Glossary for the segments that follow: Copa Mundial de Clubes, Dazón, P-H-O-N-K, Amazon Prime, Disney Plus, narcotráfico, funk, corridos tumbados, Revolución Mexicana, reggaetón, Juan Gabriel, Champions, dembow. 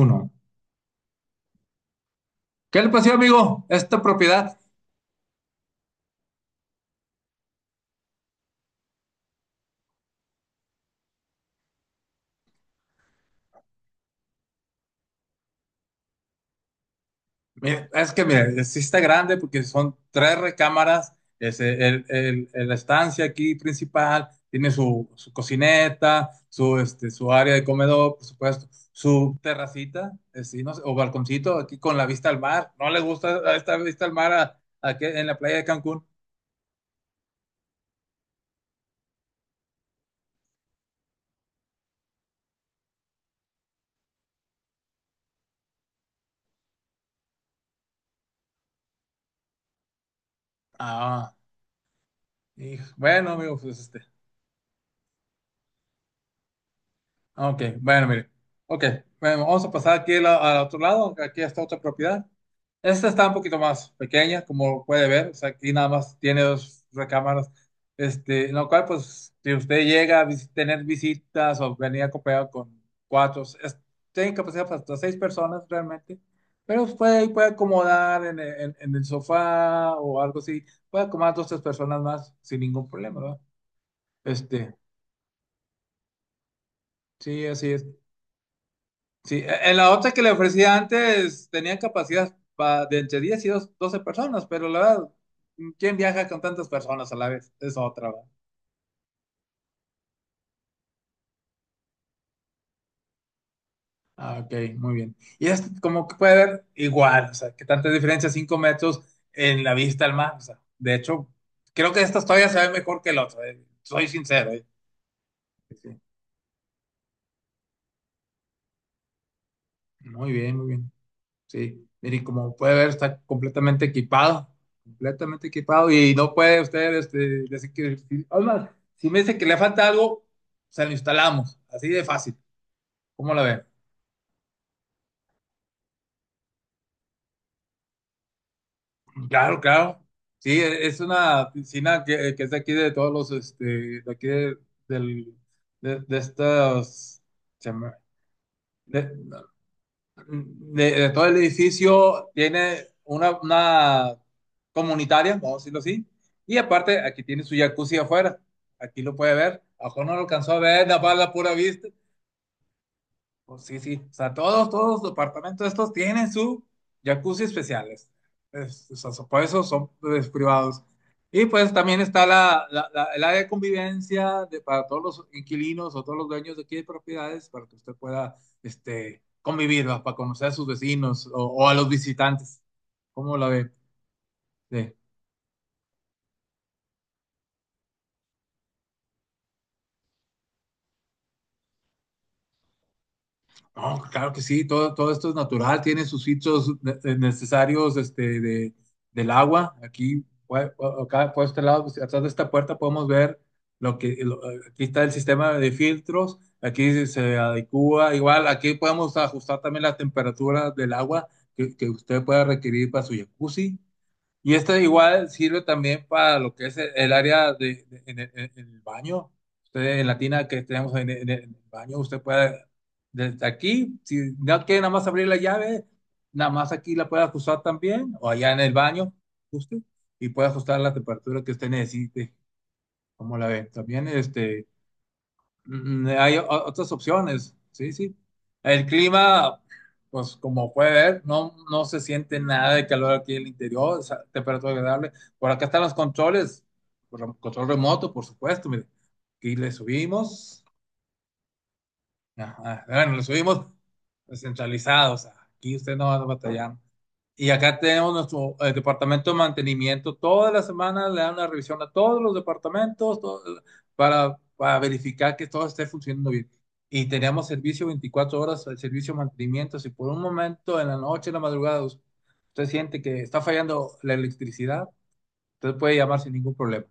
Uno. ¿Qué le pasó, amigo? Esta propiedad. Mira, es que mira, sí está grande porque son tres recámaras. Es la estancia aquí principal tiene su cocineta, su área de comedor, por supuesto, su terracita, sí, no sé, o balconcito aquí con la vista al mar. ¿No le gusta esta vista al mar en la playa de Cancún? Ah, hijo. Bueno, amigo, pues este. Ok, bueno, mire. Ok, bueno, vamos a pasar aquí al otro lado. Aquí está otra propiedad. Esta está un poquito más pequeña, como puede ver. O sea, aquí nada más tiene dos recámaras. Este, en lo cual, pues, si usted llega a tener visitas o venir acompañado con cuatro, tiene capacidad para hasta seis personas realmente. Pero pues, puede acomodar en el sofá o algo así. Puede acomodar dos, tres personas más sin ningún problema, ¿verdad? Este, sí, así es. Sí, en la otra que le ofrecía antes tenían capacidad de entre 10 y 12 personas, pero la verdad, ¿quién viaja con tantas personas a la vez? Es otra, ¿verdad? Ah, ok, muy bien. Y es como que puede ver igual, o sea, que tanta diferencia, 5 metros en la vista al mar. O sea, de hecho, creo que esta todavía se ve mejor que el otro, soy sincero, eh. Sí, sí. Muy bien, muy bien. Sí, mire, como puede ver, está completamente equipado y no puede usted este, decir que... Además, si me dice que le falta algo, se lo instalamos, así de fácil. ¿Cómo la ve? Claro, claro. Sí, es una piscina que es de aquí de todos de aquí del, de estas... se me- de- Mm, de todo el edificio tiene una comunitaria, vamos a decirlo así, y aparte aquí tiene su jacuzzi afuera, aquí lo puede ver, abajo no lo alcanzó a ver, nada más la pura vista, pues sí, sí. O sea, todos los departamentos estos tienen su jacuzzi especiales. O sea, por eso son pues, privados. Y pues también está el área de convivencia de, para todos los inquilinos o todos los dueños de aquí de propiedades para que usted pueda este, convivir, ¿va? Para conocer a sus vecinos o a los visitantes. ¿Cómo la ve? Sí. No, claro que sí, todo, todo esto es natural, tiene sus sitios necesarios este, de, del agua. Aquí, acá por este lado, pues, atrás de esta puerta podemos ver lo que, aquí está el sistema de filtros, aquí se adecua, igual aquí podemos ajustar también la temperatura del agua que usted pueda requerir para su jacuzzi. Y esta igual sirve también para lo que es el área en, en el baño. Usted en la tina que tenemos en el baño, usted puede desde aquí, si no quiere nada más abrir la llave, nada más aquí la puede ajustar también, o allá en el baño, ajuste, y puede ajustar la temperatura que usted necesite. Como la ve, también este. Mm, hay otras opciones, sí, sí. El clima, pues como puede ver, no, no se siente nada de calor aquí en el interior, o sea, temperatura agradable. Por acá están los controles, por control remoto, por supuesto, mire. Aquí le subimos, ajá, bueno, le subimos centralizados, aquí usted no va a batallar, y acá tenemos nuestro departamento de mantenimiento. Todas las semanas le dan una revisión a todos los departamentos para verificar que todo esté funcionando bien. Y teníamos servicio 24 horas, el servicio de mantenimiento. Si por un momento en la noche, en la madrugada, usted siente que está fallando la electricidad, usted puede llamar sin ningún problema.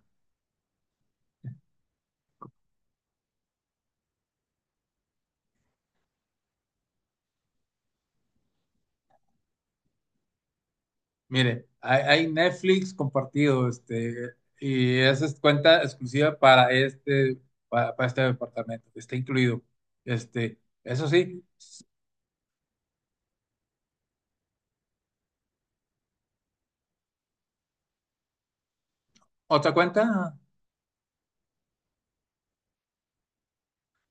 Mire, hay Netflix compartido, este, y esa es cuenta exclusiva para este, para este departamento. Está incluido. Este, eso sí. ¿Otra cuenta?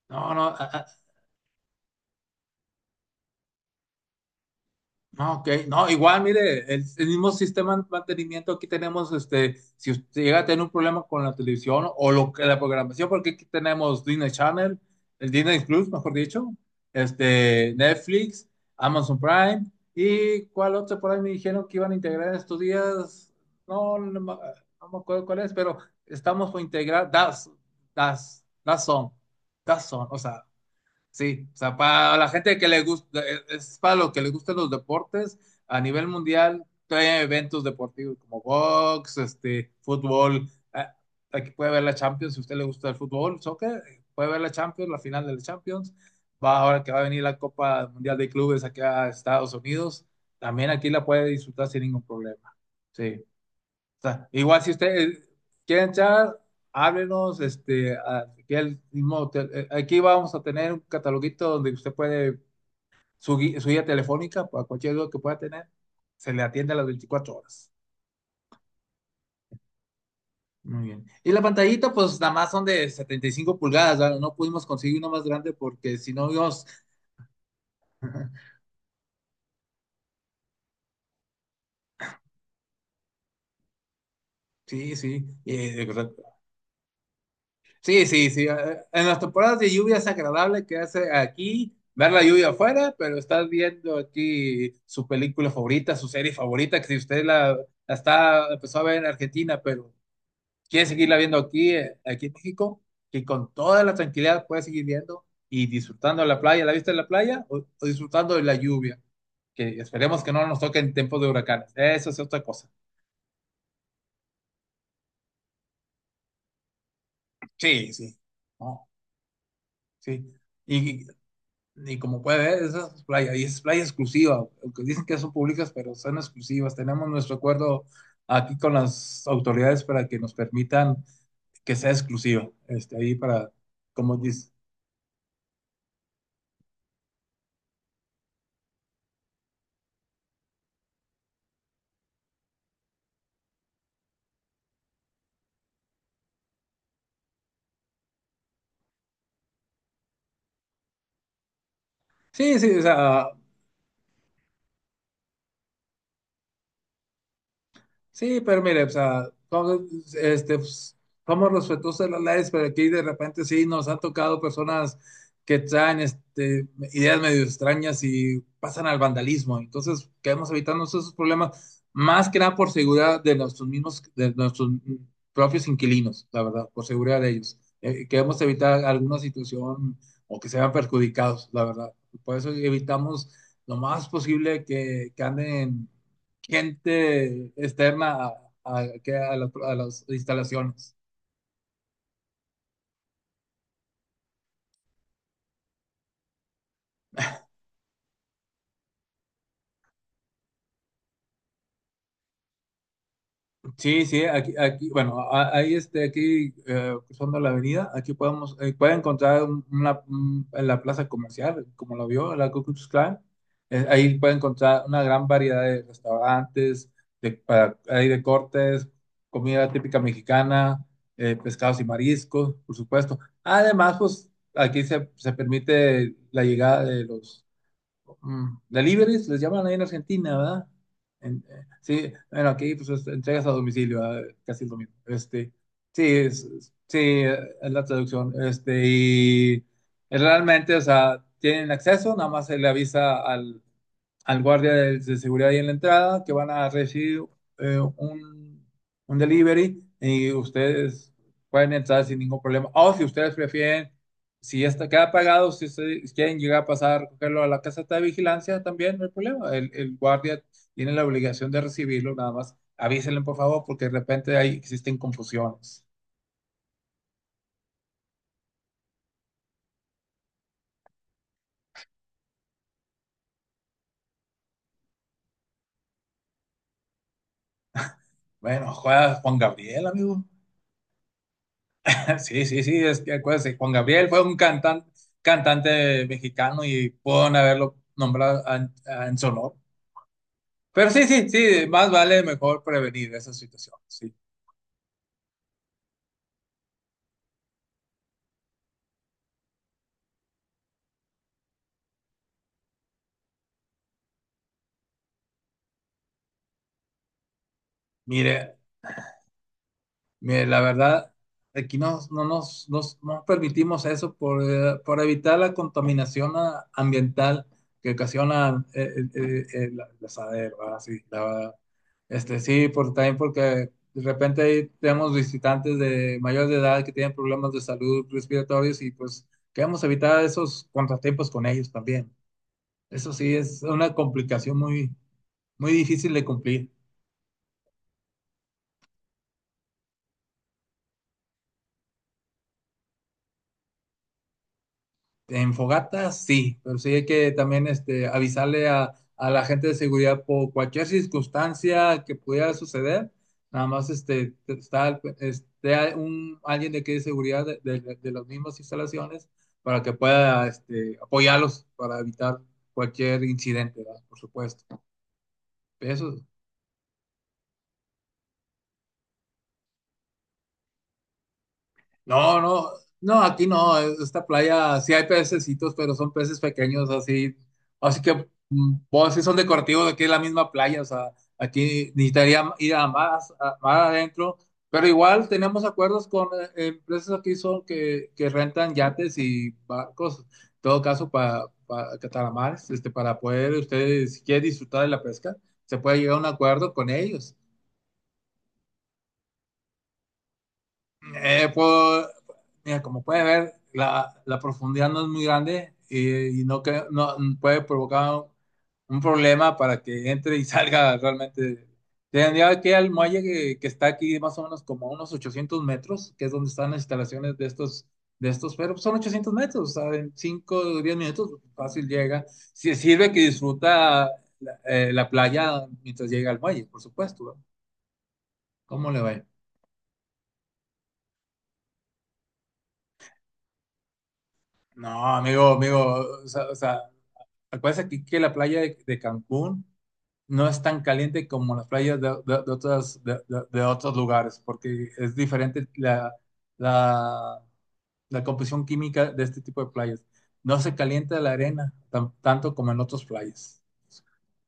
No, no, ah, ah, no, ok. No, igual, mire, el mismo sistema de mantenimiento aquí tenemos, este, si usted llega a tener un problema con la televisión o lo que la programación, porque aquí tenemos Disney Channel, el Disney Plus, mejor dicho, este, Netflix, Amazon Prime, y cuál otro por ahí me dijeron que iban a integrar en estos días. No, no, me no me acuerdo cuál es, pero estamos por integrar Das, Das, Dazón, Dazón, o sea. Sí, o sea, para la gente que le gusta, es para los que les gustan los deportes a nivel mundial, trae eventos deportivos como box, este, fútbol. Ah, aquí puede ver la Champions, si a usted le gusta el fútbol, soccer, puede ver la Champions, la final de la Champions. Va ahora que va a venir la Copa Mundial de Clubes aquí a Estados Unidos, también aquí la puede disfrutar sin ningún problema. Sí sea, igual si ustedes quieren echar, háblenos, este, aquí al mismo hotel. Aquí vamos a tener un cataloguito donde usted puede su guía telefónica para cualquier duda que pueda tener, se le atiende a las 24 horas. Muy bien. Y la pantallita, pues nada más son de 75 pulgadas, ¿verdad? No pudimos conseguir una más grande porque si no, Dios, sí, sí, sí, sí, sí. En las temporadas de lluvia es agradable que hace aquí ver la lluvia afuera, pero estás viendo aquí su película favorita, su serie favorita, que si usted la está, empezó a ver en Argentina, pero quiere seguirla viendo aquí, aquí en México, que con toda la tranquilidad puede seguir viendo y disfrutando de la playa. ¿La viste en la playa o disfrutando de la lluvia? Que esperemos que no nos toque en tiempos de huracanes. Eso es otra cosa. Sí, sí. No, sí. ¿Y y como puede ver, esa es playa, y es playa exclusiva, aunque dicen que son públicas, pero son exclusivas? Tenemos nuestro acuerdo aquí con las autoridades para que nos permitan que sea exclusiva, este, ahí para, como dice. Sí, sí, o sea. Sí, pero mire, o sea, este, pues, somos respetuosos de las leyes, pero aquí de repente sí nos han tocado personas que traen este, ideas medio extrañas y pasan al vandalismo. Entonces, queremos evitarnos esos problemas, más que nada por seguridad de nuestros mismos, de nuestros propios inquilinos, la verdad, por seguridad de ellos. Queremos evitar alguna situación o que se vean perjudicados, la verdad. Por eso evitamos lo más posible que anden gente externa que a a las instalaciones. Sí, sí, aquí, aquí bueno, ahí este, aquí cruzando la avenida, aquí podemos, puede encontrar en la plaza comercial, como lo vio, la Ku Klux Klan, ahí puede encontrar una gran variedad de restaurantes, de, hay de cortes, comida típica mexicana, pescados y mariscos, por supuesto. Además, pues aquí se permite la llegada de los mm deliveries, les llaman ahí en Argentina, ¿verdad? Sí, bueno, aquí pues entregas a domicilio, ¿verdad? Casi es lo mismo. Este, sí, sí, es la traducción. Este, y realmente, o sea, tienen acceso, nada más se le avisa al guardia de seguridad ahí en la entrada que van a recibir eh, un, un delivery y ustedes pueden entrar sin ningún problema. O si ustedes prefieren, si está, queda pagado, si ustedes quieren llegar a pasar, recogerlo a la casa de vigilancia, también no hay problema. El guardia tiene la obligación de recibirlo, nada más. Avísenle, por favor, porque de repente ahí existen confusiones. Bueno, juega Juan Gabriel, amigo. Sí, sí, sí, es que acuérdese, Juan Gabriel fue un cantante, cantante mexicano y pueden haberlo nombrado en su honor. Pero sí, sí, sí, más vale mejor prevenir esa situación. Sí. Mire, mire, la verdad, aquí no nos, nos permitimos eso por evitar la contaminación ah, ambiental que ocasiona eh, eh, el asadero, ¿verdad? Sí, la verdad. Este, sí, por, también porque de repente ahí tenemos visitantes de mayor de edad que tienen problemas de salud respiratorios y pues queremos evitar esos contratiempos con ellos también. Eso sí, es una complicación muy, muy difícil de cumplir. En fogata, sí, pero sí hay que también este, avisarle a la gente de seguridad por cualquier circunstancia que pudiera suceder. Nada más este, está, al- esté a- un, alguien de aquí de seguridad de las mismas instalaciones para que pueda este, apoyarlos para evitar cualquier incidente, ¿verdad? Por supuesto. Eso, no, no, no, aquí no, esta playa sí hay pececitos, pero son peces pequeños así, así que mm, pues, sí son decorativos, aquí es la misma playa, o sea, aquí necesitaría ir a más, más adentro, pero igual tenemos acuerdos con empresas aquí son que rentan yates y barcos, en todo caso para cataramares, este, para poder ustedes, si quieren disfrutar de la pesca, se puede llegar a un acuerdo con ellos. Puedo, mira, como puedes ver, la profundidad no es muy grande y no, que, no puede provocar un problema para que entre y salga realmente. Tendría que ir al muelle que está aquí más o menos como a unos 800 metros, que es donde están las instalaciones de estos, pero son 800 metros, o sea, en 5 o 10 minutos fácil llega. Si sirve que disfruta la, la playa mientras llega al muelle, por supuesto, ¿no? ¿Cómo le va? No, amigo, amigo, o sea, acuérdense aquí que la playa de Cancún no es tan caliente como las playas de otras, de otros lugares, porque es diferente la, la composición química de este tipo de playas. No se calienta la arena tanto como en otras playas.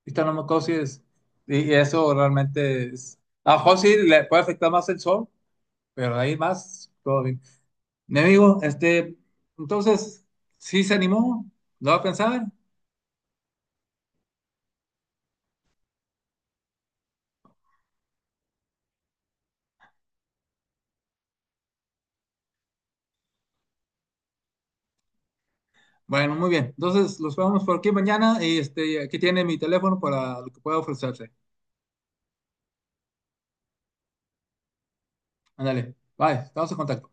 Ahorita no me acuerdo si es- Y y eso realmente es. A lo mejor sí le puede afectar más el sol, pero de ahí más, todo bien. Mi amigo, este, entonces, sí se animó, lo va a pensar. Bueno, muy bien. Entonces los vemos por aquí mañana y este, aquí tiene mi teléfono para lo que pueda ofrecerse. Ándale, bye, estamos en contacto.